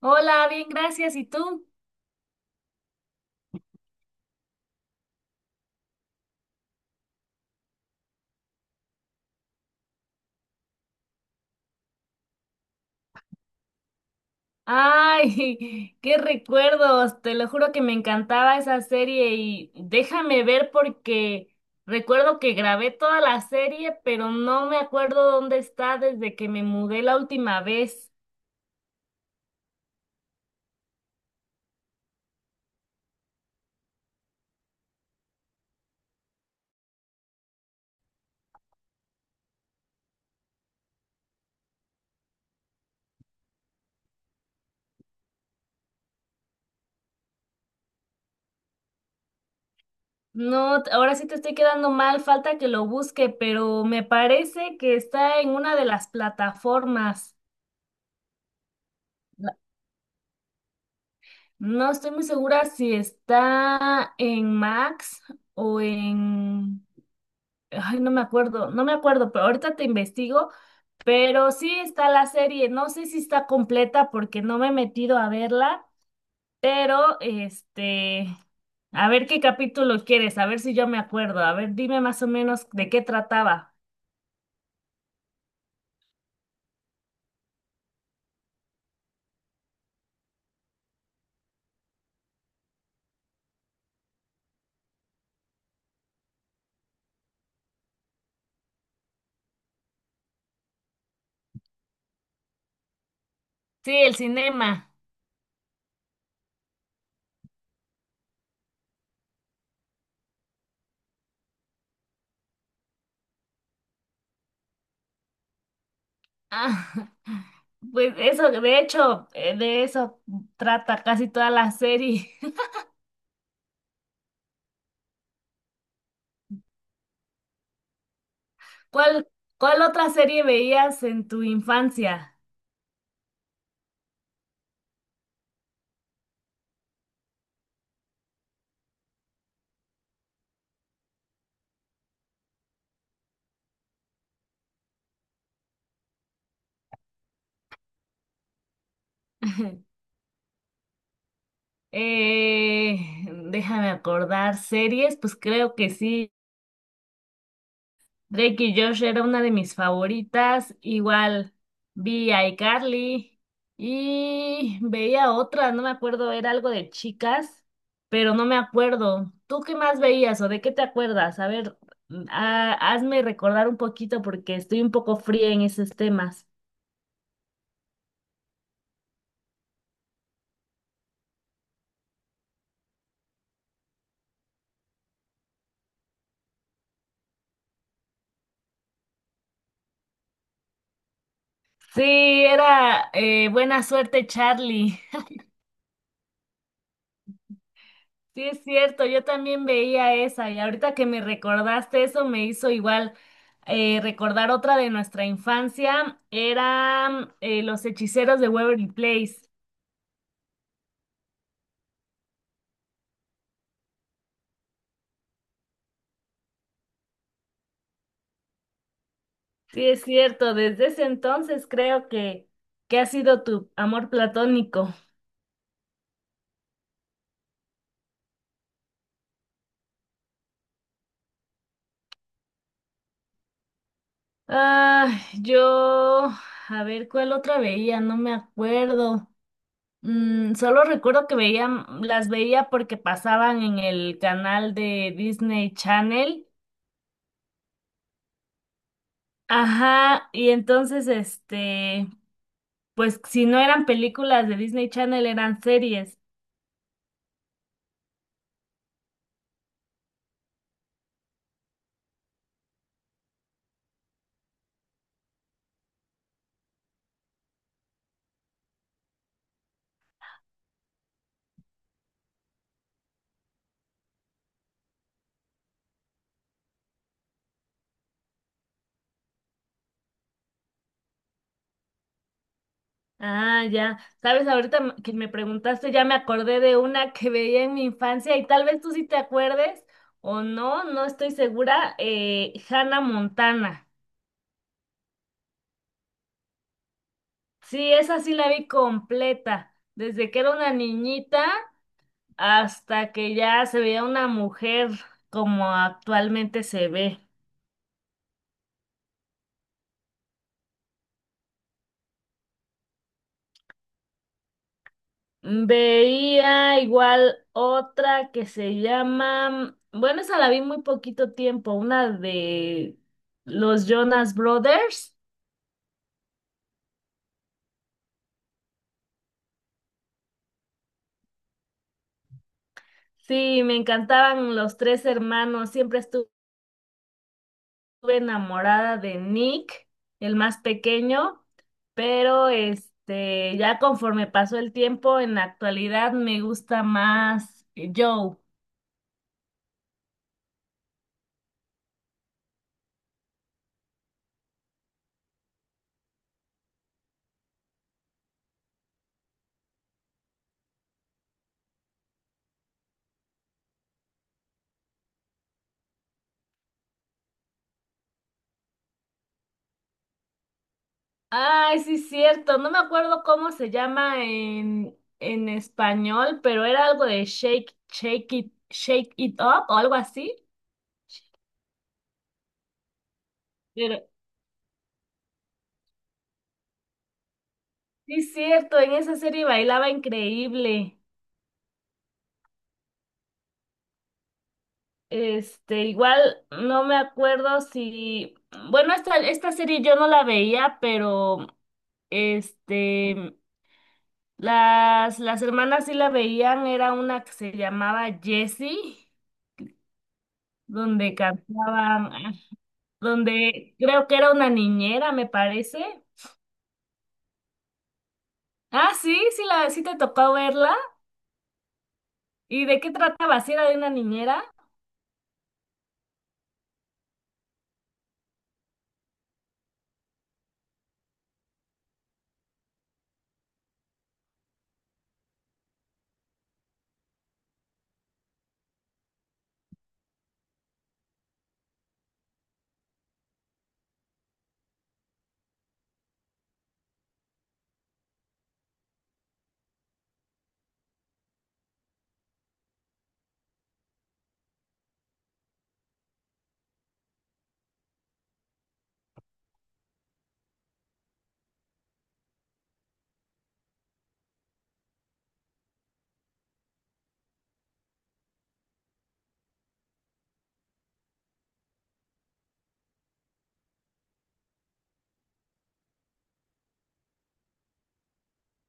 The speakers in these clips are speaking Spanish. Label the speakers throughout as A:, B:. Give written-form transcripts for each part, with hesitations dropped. A: Hola, bien, gracias. ¿Y tú? Ay, qué recuerdos. Te lo juro que me encantaba esa serie y déjame ver porque recuerdo que grabé toda la serie, pero no me acuerdo dónde está desde que me mudé la última vez. No, ahora sí te estoy quedando mal, falta que lo busque, pero me parece que está en una de las plataformas. La- No estoy muy segura si está en Max o en... Ay, no me acuerdo, no me acuerdo, pero ahorita te investigo, pero sí está la serie, no sé si está completa porque no me he metido a verla, pero a ver qué capítulo quieres, a ver si yo me acuerdo, a ver, dime más o menos de qué trataba. Sí, el cinema. Ah, pues eso, de hecho, de eso trata casi toda la serie. ¿Cuál, cuál otra serie veías en tu infancia? Déjame acordar, series, pues creo que sí. Drake y Josh era una de mis favoritas. Igual vi a iCarly y veía otra, no me acuerdo, era algo de chicas, pero no me acuerdo. ¿Tú qué más veías o de qué te acuerdas? A ver, hazme recordar un poquito porque estoy un poco fría en esos temas. Sí, era Buena Suerte Charlie. Sí, es cierto, yo también veía esa y ahorita que me recordaste eso me hizo igual recordar otra de nuestra infancia, eran Los Hechiceros de Waverly Place. Sí, es cierto, desde ese entonces creo que ha sido tu amor platónico. Ah, yo, a ver, ¿cuál otra veía? No me acuerdo. Mm, solo recuerdo que veía, las veía porque pasaban en el canal de Disney Channel. Ajá, y entonces, pues si no eran películas de Disney Channel, eran series. Ah, ya. Sabes, ahorita que me preguntaste, ya me acordé de una que veía en mi infancia y tal vez tú sí te acuerdes o no, no estoy segura, Hannah Montana. Sí, esa sí la vi completa, desde que era una niñita hasta que ya se veía una mujer como actualmente se ve. Veía igual otra que se llama, bueno, esa la vi muy poquito tiempo, una de los Jonas Brothers. Sí, me encantaban los tres hermanos, siempre estuve enamorada de Nick, el más pequeño, pero ya conforme pasó el tiempo, en la actualidad me gusta más Joe. Ay, sí, cierto. No me acuerdo cómo se llama en español, pero era algo de shake, shake it up o algo así. Pero sí, cierto, en esa serie bailaba increíble. Igual no me acuerdo si, bueno, esta serie yo no la veía, pero este, las hermanas sí la veían, era una que se llamaba Jessie, donde cantaban. Donde creo que era una niñera, me parece. Ah, sí, sí, la, sí te tocó verla. ¿Y de qué trataba? ¿Si era de una niñera?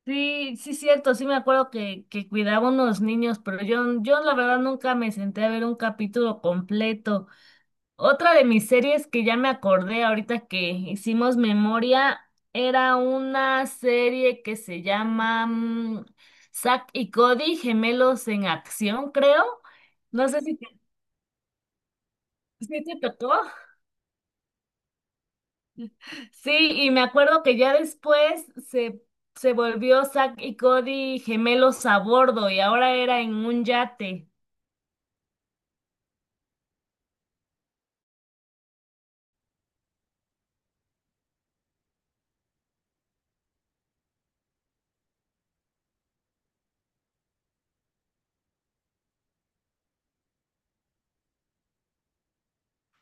A: Sí, sí, cierto, sí me acuerdo que cuidaba unos niños, pero yo la verdad nunca me senté a ver un capítulo completo. Otra de mis series que ya me acordé ahorita que hicimos memoria era una serie que se llama Zack y Cody, Gemelos en Acción, creo. No sé si te, si te tocó. Sí, y me acuerdo que ya después se, se volvió Zack y Cody gemelos a bordo y ahora era en un yate.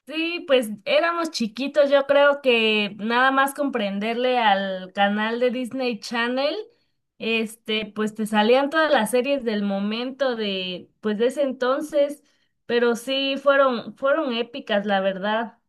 A: Sí, pues éramos chiquitos, yo creo que nada más comprenderle al canal de Disney Channel, pues te salían todas las series del momento de, pues de ese entonces, pero sí fueron, fueron épicas, la verdad.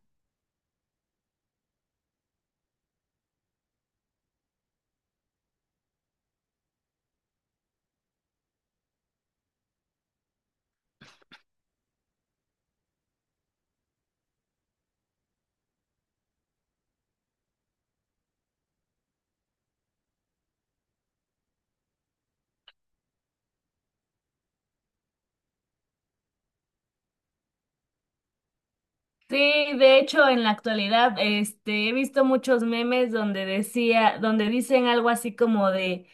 A: Sí, de hecho, en la actualidad, he visto muchos memes donde decía, donde dicen algo así como de,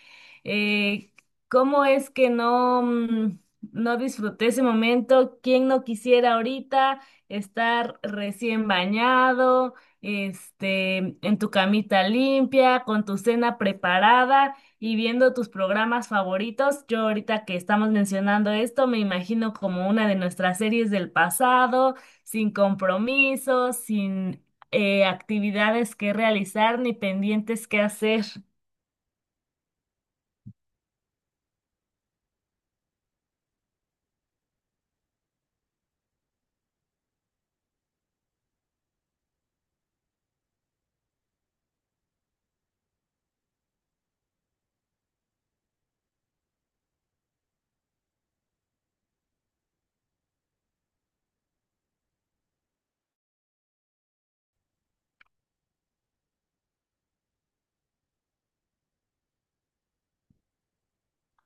A: eh, ¿cómo es que no, no disfruté ese momento? ¿Quién no quisiera ahorita estar recién bañado, en tu camita limpia, con tu cena preparada y viendo tus programas favoritos? Yo ahorita que estamos mencionando esto, me imagino como una de nuestras series del pasado sin compromisos, sin actividades que realizar ni pendientes que hacer.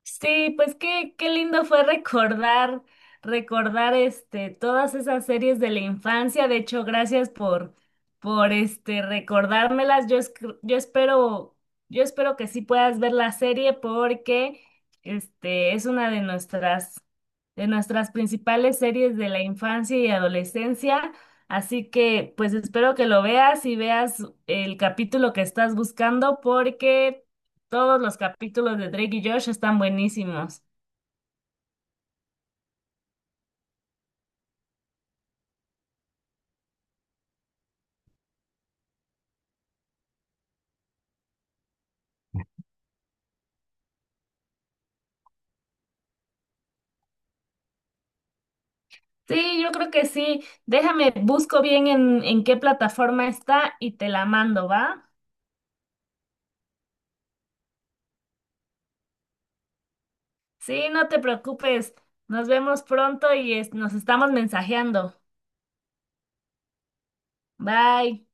A: Sí, pues qué, qué lindo fue recordar, recordar todas esas series de la infancia. De hecho, gracias por recordármelas. Yo, yo espero, yo espero que sí puedas ver la serie porque es una de nuestras principales series de la infancia y adolescencia. Así que, pues espero que lo veas y veas el capítulo que estás buscando porque todos los capítulos de Drake y Josh están buenísimos. Sí, yo creo que sí. Déjame, busco bien en qué plataforma está y te la mando, ¿va? Sí, no te preocupes. Nos vemos pronto y nos estamos mensajeando. Bye.